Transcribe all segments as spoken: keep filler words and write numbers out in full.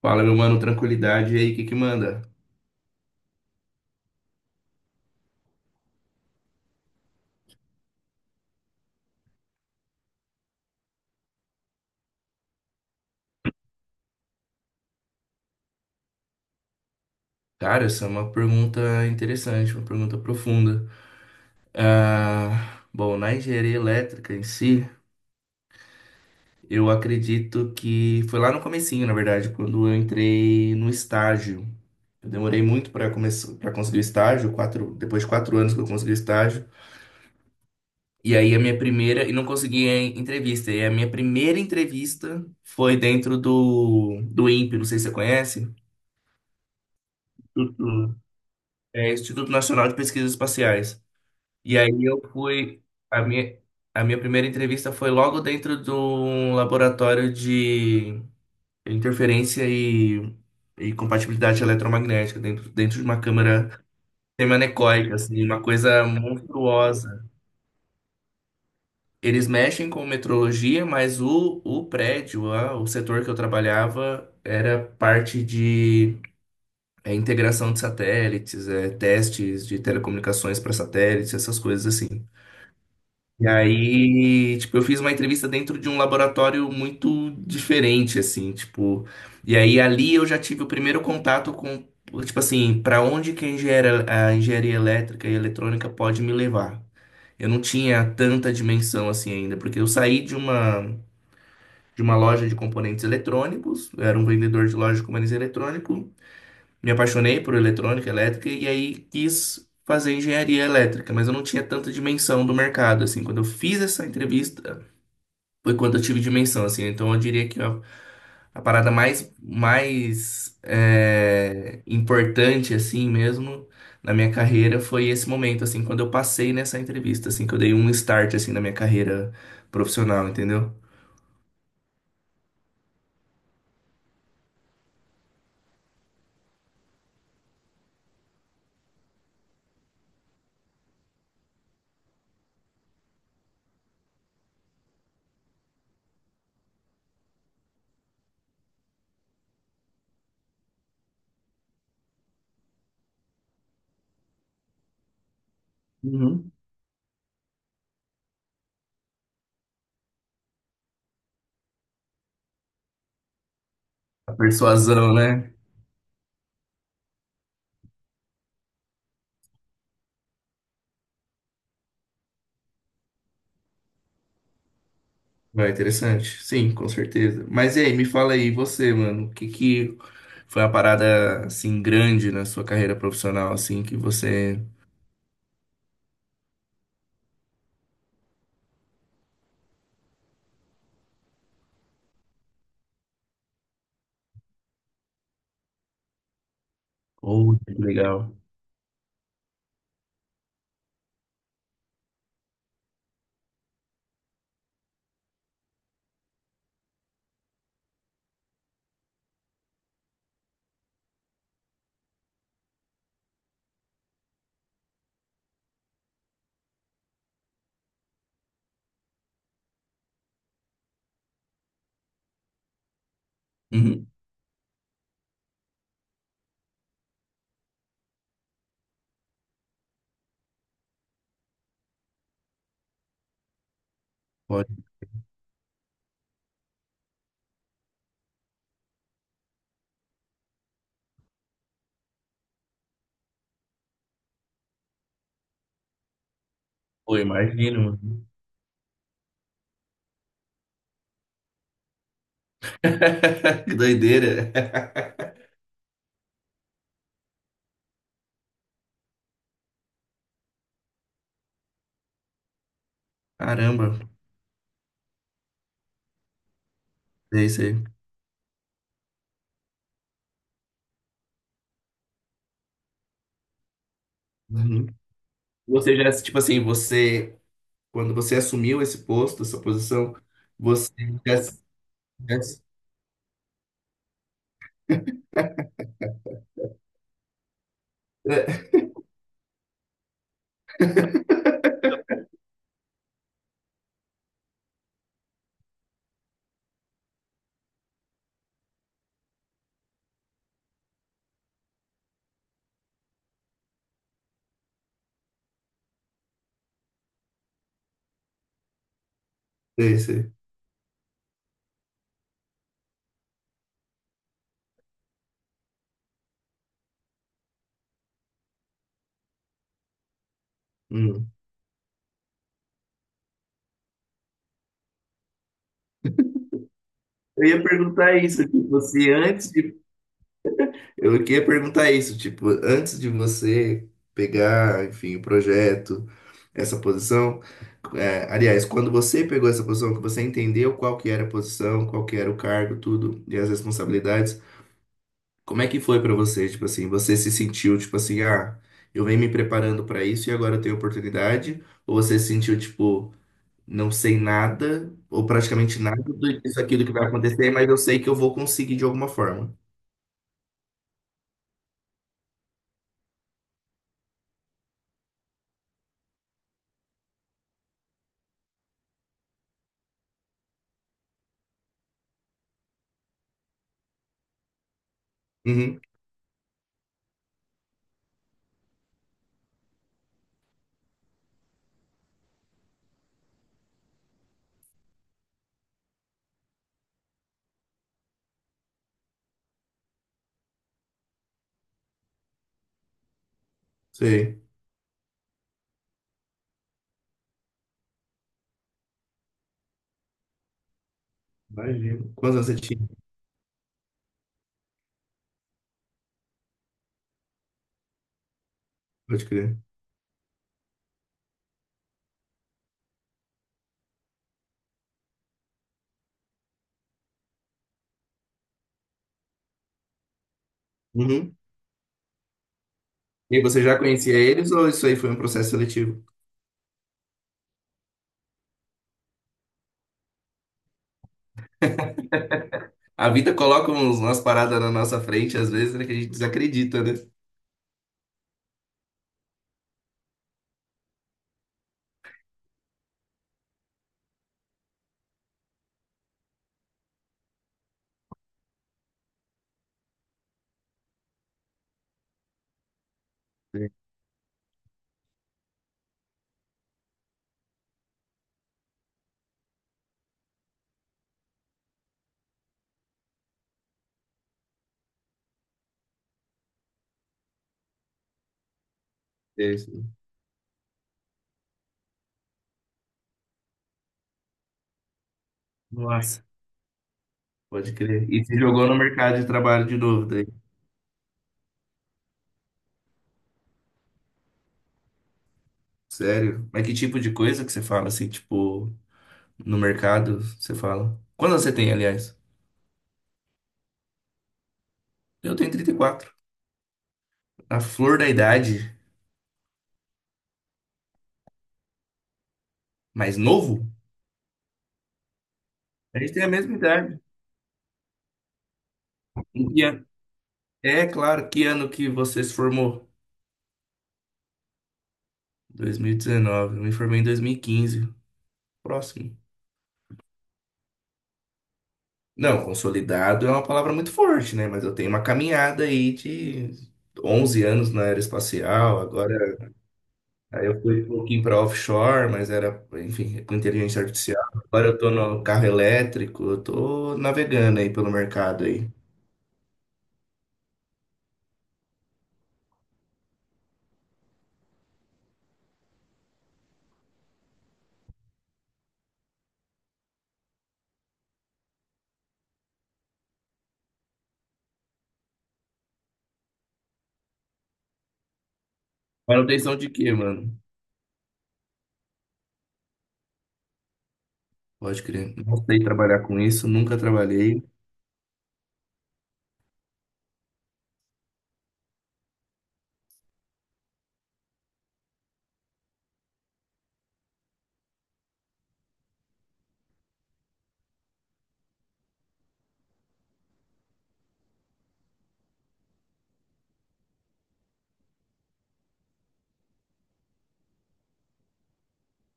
Fala, meu mano, tranquilidade. E aí, o que que manda? Cara, essa é uma pergunta interessante, uma pergunta profunda. Ah, bom, na engenharia elétrica em si, eu acredito que foi lá no comecinho, na verdade, quando eu entrei no estágio. Eu demorei muito para começar, para conseguir o estágio, quatro, depois de quatro anos que eu consegui o estágio. E aí a minha primeira, e não consegui a entrevista. E a minha primeira entrevista foi dentro do do inpe, não sei se você conhece. Instituto- É, Instituto Nacional de Pesquisas Espaciais. E aí eu fui. A minha, a minha primeira entrevista foi logo dentro de um laboratório de interferência e, e compatibilidade eletromagnética, dentro, dentro de uma câmara semianecoica, assim, uma coisa monstruosa. Eles mexem com metrologia, mas o, o prédio, a- o setor que eu trabalhava, era parte de é, integração de satélites, é, testes de telecomunicações para satélites, essas coisas assim. E aí, tipo, eu fiz uma entrevista dentro de um laboratório muito diferente, assim, tipo. E aí ali eu já tive o primeiro contato com, tipo assim, para onde que a engenharia, a engenharia elétrica e eletrônica pode me levar. Eu não tinha tanta dimensão assim ainda, porque eu saí de uma de uma loja de componentes eletrônicos, eu era um vendedor de loja de componentes eletrônicos, me apaixonei por eletrônica, elétrica e aí quis fazer engenharia elétrica, mas eu não tinha tanta dimensão do mercado assim. Quando eu fiz essa entrevista, foi quando eu tive dimensão, assim. Então eu diria que a, a parada mais, mais é, importante, assim mesmo, na minha carreira foi esse momento, assim, quando eu passei nessa entrevista, assim, que eu dei um start, assim, na minha carreira profissional, entendeu? Uhum. A persuasão, né? Vai, interessante. Sim, com certeza. Mas e aí, me fala aí, você, mano, o que que foi uma parada, assim, grande na sua carreira profissional, assim, que você... Oh, que legal. Uhum. Pô, imagino, mano. Que doideira. Caramba, é isso aí. Uhum. Você já, tipo assim, você, quando você assumiu esse posto, essa posição, você já, já- é, é isso aí. Hum. Eu ia perguntar isso, tipo, se antes de Eu queria perguntar isso, tipo, antes de você pegar, enfim, o projeto, essa posição, é, aliás, quando você pegou essa posição, que você entendeu qual que era a posição, qual que era o cargo, tudo, e as responsabilidades, como é que foi pra você? Tipo assim, você se sentiu, tipo assim, ah, eu venho me preparando pra isso e agora eu tenho oportunidade? Ou você se sentiu, tipo, não sei nada, ou praticamente nada do- disso aqui do que vai acontecer, mas eu sei que eu vou conseguir de alguma forma? Uhum, sei. Imagino. Quantos anos você tinha? Pode crer. Uhum. E você já conhecia eles ou isso aí foi um processo seletivo? A vida coloca uns, umas paradas na nossa frente, às vezes, né, que a gente desacredita, né? Sim. É isso. Nossa, pode crer. E se jogou no mercado de trabalho de novo, daí? Sério? Mas que tipo de coisa que você fala, assim, tipo, no mercado, você fala? Quantos você tem, aliás? Eu tenho trinta e quatro. A flor da idade, mais novo? A gente tem a mesma idade. Em que ano? É claro, que ano que você se formou? dois mil e dezenove. Eu me formei em dois mil e quinze. Próximo. Não, consolidado é uma palavra muito forte, né? Mas eu tenho uma caminhada aí de onze anos na aeroespacial. Agora, aí eu fui um pouquinho para offshore, mas era, enfim, com inteligência artificial. Agora eu tô no carro elétrico, eu tô navegando aí pelo mercado aí. Manutenção de quê, mano? Pode crer. Não sei trabalhar com isso, nunca trabalhei.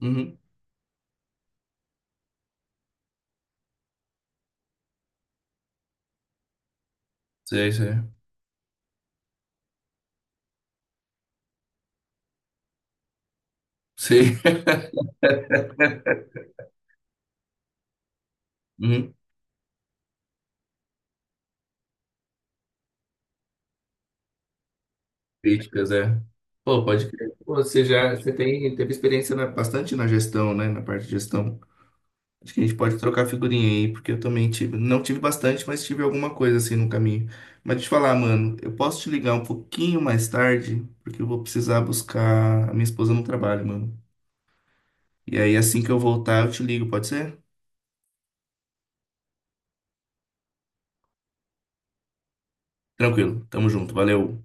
Uhum. Sei, sei. Sei. Uhum. Críticas, é. Pô, pode crer. Pô, você já, você tem, teve experiência na- bastante na gestão, né? Na parte de gestão. Acho que a gente pode trocar figurinha aí, porque eu também tive, não tive bastante, mas tive alguma coisa assim no caminho. Mas deixa eu te falar, mano, eu posso te ligar um pouquinho mais tarde, porque eu vou precisar buscar a minha esposa no trabalho, mano. E aí, assim que eu voltar, eu te ligo, pode ser? Tranquilo, tamo junto, valeu.